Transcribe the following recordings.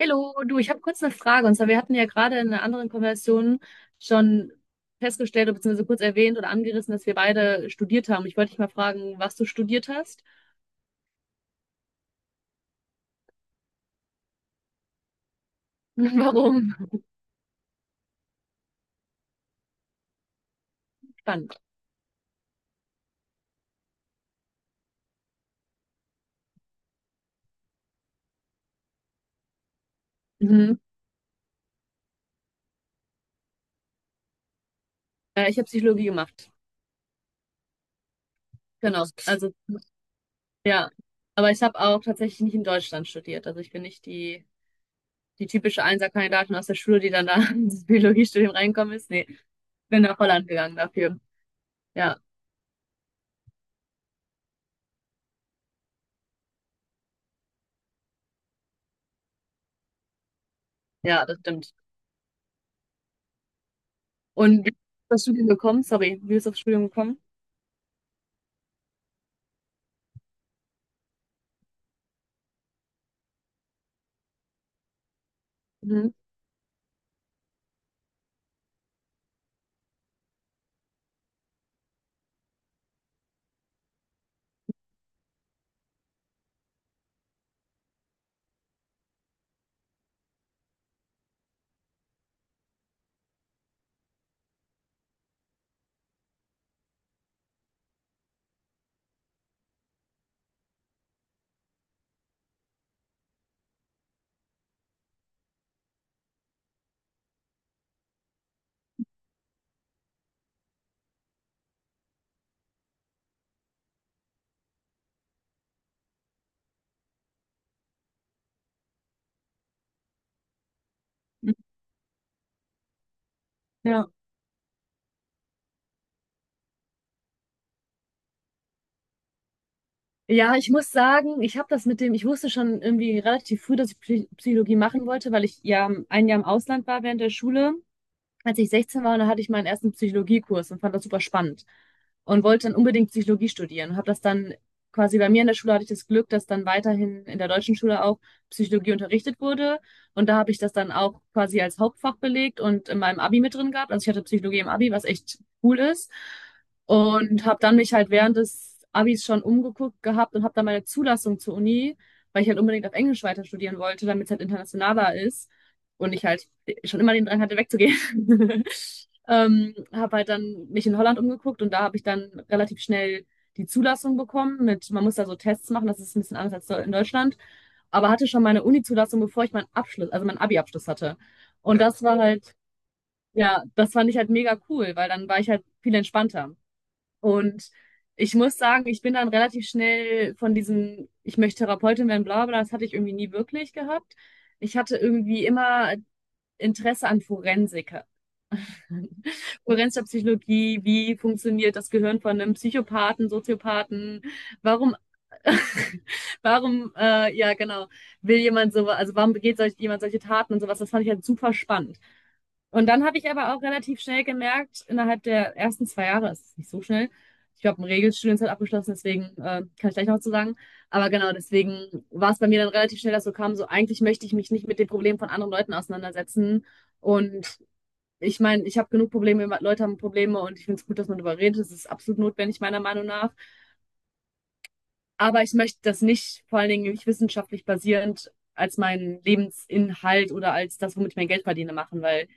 Hallo, du, ich habe kurz eine Frage. Und zwar, wir hatten ja gerade in einer anderen Konversation schon festgestellt, oder beziehungsweise kurz erwähnt oder angerissen, dass wir beide studiert haben. Ich wollte dich mal fragen, was du studiert hast und warum. Spannend. Mhm. Ich habe Psychologie gemacht. Genau. Also, ja. Aber ich habe auch tatsächlich nicht in Deutschland studiert. Also, ich bin nicht die, die typische Einserkandidatin aus der Schule, die dann da ins Biologiestudium reingekommen ist. Nee, bin nach Holland gegangen dafür. Ja, ja, das stimmt. Und wie bist du aufs Studium gekommen? Sorry, wie bist du aufs Studium gekommen? Mhm. Mhm. Ja. Ja ich muss sagen, ich habe das mit dem, ich wusste schon irgendwie relativ früh, dass ich Psychologie machen wollte, weil ich ja ein Jahr im Ausland war während der Schule. Als ich 16 war, da hatte ich meinen ersten Psychologiekurs und fand das super spannend und wollte dann unbedingt Psychologie studieren. Und habe das dann quasi bei mir in der Schule hatte ich das Glück, dass dann weiterhin in der deutschen Schule auch Psychologie unterrichtet wurde. Und da habe ich das dann auch quasi als Hauptfach belegt und in meinem Abi mit drin gehabt. Also ich hatte Psychologie im Abi, was echt cool ist. Und habe dann mich halt während des Abis schon umgeguckt gehabt und habe dann meine Zulassung zur Uni, weil ich halt unbedingt auf Englisch weiter studieren wollte, damit es halt internationaler ist und ich halt schon immer den Drang hatte, wegzugehen. Habe halt dann mich in Holland umgeguckt und da habe ich dann relativ schnell die Zulassung bekommen mit, man muss da so Tests machen, das ist ein bisschen anders als in Deutschland, aber hatte schon meine Uni-Zulassung, bevor ich meinen Abschluss, also meinen Abi-Abschluss hatte. Und das war halt, ja, das fand ich halt mega cool, weil dann war ich halt viel entspannter. Und ich muss sagen, ich bin dann relativ schnell von diesem, ich möchte Therapeutin werden, bla bla, das hatte ich irgendwie nie wirklich gehabt. Ich hatte irgendwie immer Interesse an Forensik, Kohärenz Psychologie, wie funktioniert das Gehirn von einem Psychopathen, Soziopathen, warum, warum, ja genau, will jemand so, also warum begeht solch, jemand solche Taten und sowas, das fand ich halt super spannend. Und dann habe ich aber auch relativ schnell gemerkt, innerhalb der ersten zwei Jahre, es ist nicht so schnell, ich habe ein Regelstudium halt abgeschlossen, deswegen kann ich gleich noch was zu sagen. Aber genau, deswegen war es bei mir dann relativ schnell, dass so kam, so eigentlich möchte ich mich nicht mit den Problemen von anderen Leuten auseinandersetzen und ich meine, ich habe genug Probleme, Leute haben Probleme und ich finde es gut, dass man darüber redet. Das ist absolut notwendig, meiner Meinung nach. Aber ich möchte das nicht, vor allen Dingen nicht wissenschaftlich basierend, als meinen Lebensinhalt oder als das, womit ich mein Geld verdiene, machen, weil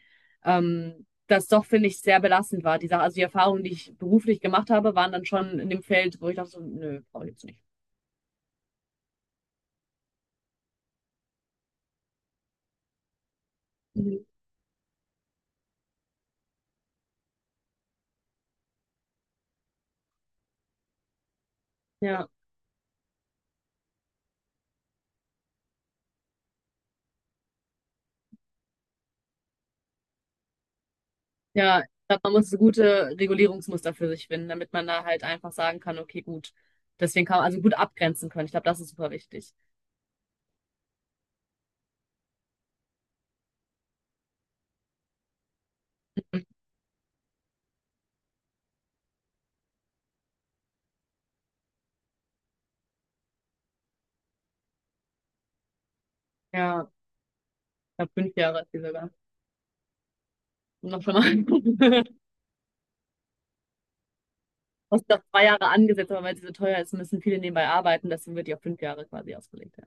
das doch, finde ich, sehr belastend war. Die Sache, also die Erfahrungen, die ich beruflich gemacht habe, waren dann schon in dem Feld, wo ich dachte, so, nö, brauche ich jetzt nicht. Mhm. Ja, ja, ich glaube, man muss so gute Regulierungsmuster für sich finden, damit man da halt einfach sagen kann, okay, gut. Deswegen kann man also gut abgrenzen können. Ich glaube, das ist super wichtig. Ja, ich glaube, fünf Jahre ist die sogar. Noch schon mal. Das ist doch zwei Jahre angesetzt, aber weil sie so teuer ist, müssen viele nebenbei arbeiten. Deswegen wird die auf fünf Jahre quasi ausgelegt. Ja.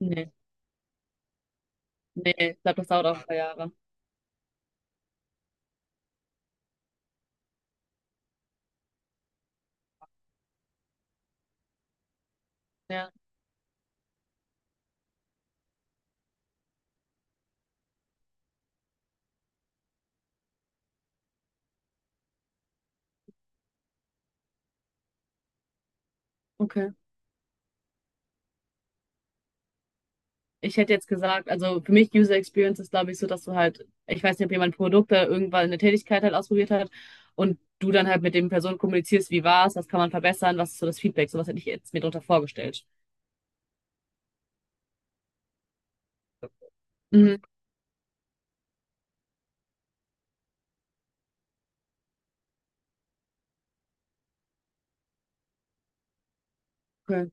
Nee, nee, ich glaube, das dauert auch zwei Jahre. Ja, okay. Ich hätte jetzt gesagt, also für mich User Experience ist, glaube ich, so, dass du halt, ich weiß nicht, ob jemand Produkte irgendwann eine Tätigkeit halt ausprobiert hat und du dann halt mit dem Personen kommunizierst, wie war's, was kann man verbessern, was ist so das Feedback, sowas hätte ich jetzt mir darunter vorgestellt. Mhm. Okay.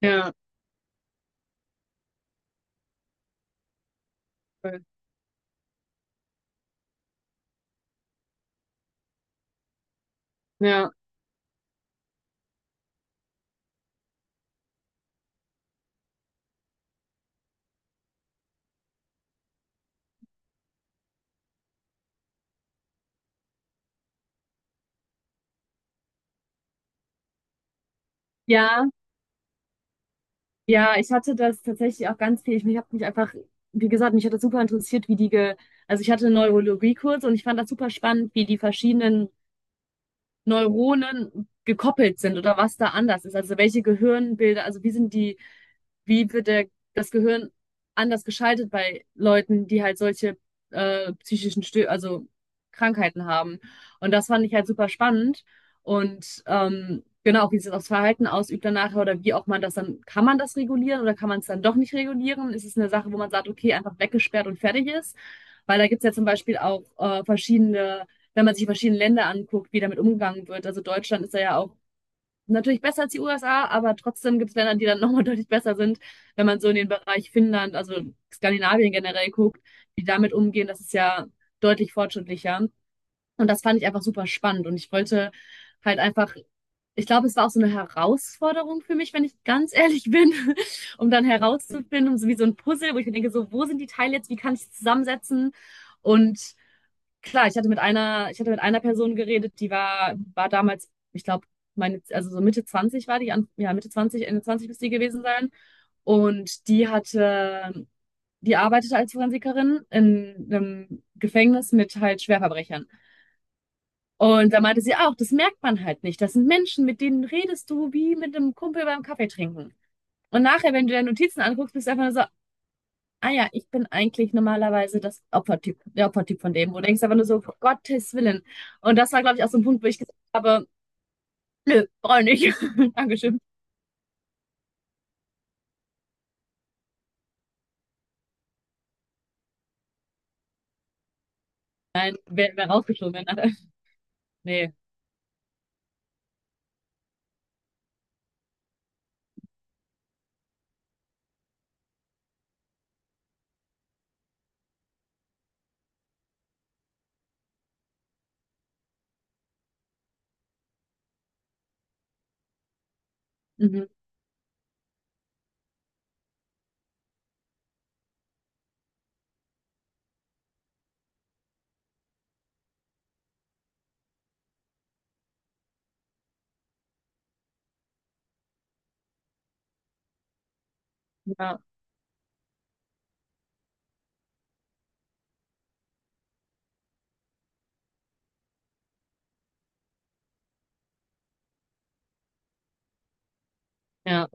Ja, cool. Ja. Ja, Ja, ich hatte das tatsächlich auch ganz viel. Ich habe mich einfach, wie gesagt, mich hat das super interessiert, wie die, ge also ich hatte einen Neurologiekurs und ich fand das super spannend, wie die verschiedenen Neuronen gekoppelt sind oder was da anders ist. Also welche Gehirnbilder, also wie sind die wie wird der, das Gehirn anders geschaltet bei Leuten, die halt solche psychischen Stö also Krankheiten haben. Und das fand ich halt super spannend. Und genau, wie sich das Verhalten ausübt danach oder wie auch man das dann, kann man das regulieren oder kann man es dann doch nicht regulieren? Ist es eine Sache, wo man sagt, okay, einfach weggesperrt und fertig ist? Weil da gibt's ja zum Beispiel auch verschiedene, wenn man sich verschiedene Länder anguckt, wie damit umgegangen wird. Also Deutschland ist da ja auch natürlich besser als die USA, aber trotzdem gibt es Länder, die dann nochmal deutlich besser sind, wenn man so in den Bereich Finnland, also Skandinavien generell guckt, die damit umgehen, das ist ja deutlich fortschrittlicher. Und das fand ich einfach super spannend und ich wollte halt einfach, ich glaube, es war auch so eine Herausforderung für mich, wenn ich ganz ehrlich bin, um dann herauszufinden, so wie so ein Puzzle, wo ich mir denke, so, wo sind die Teile jetzt, wie kann ich sie zusammensetzen? Und klar, ich hatte mit einer Person geredet, die war damals, ich glaube, meine, also so Mitte 20 war die, an, ja, Mitte 20 Ende 20 müsste die gewesen sein. Und die arbeitete als Forensikerin in einem Gefängnis mit halt Schwerverbrechern. Und da meinte sie auch, das merkt man halt nicht. Das sind Menschen, mit denen redest du wie mit einem Kumpel beim Kaffee trinken. Und nachher, wenn du deine Notizen anguckst, bist du einfach nur so, ah ja, ich bin eigentlich normalerweise das Opfertyp, der Opfertyp von dem, wo du denkst aber nur so, um Gottes Willen. Und das war, glaube ich, auch so ein Punkt, wo ich gesagt habe, nö, brauche ich nicht. Dankeschön. Nein, wäre wär rausgeschoben. Wenn, alle- nee. Mhm. Ja, ja,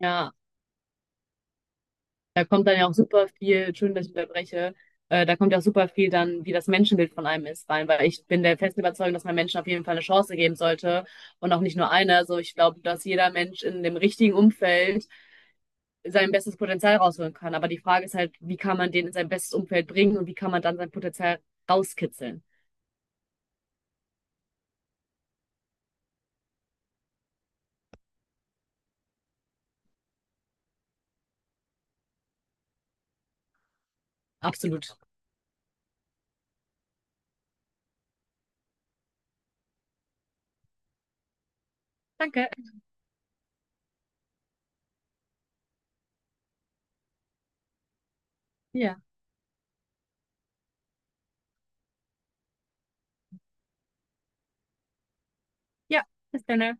ja. Da kommt dann ja auch super viel, schön, dass ich unterbreche, da kommt ja auch super viel dann, wie das Menschenbild von einem ist, rein, weil ich bin der festen Überzeugung, dass man Menschen auf jeden Fall eine Chance geben sollte und auch nicht nur eine. Also ich glaube, dass jeder Mensch in dem richtigen Umfeld sein bestes Potenzial rausholen kann. Aber die Frage ist halt, wie kann man den in sein bestes Umfeld bringen und wie kann man dann sein Potenzial rauskitzeln? Absolut. Danke. Ja. Ja, bis dann.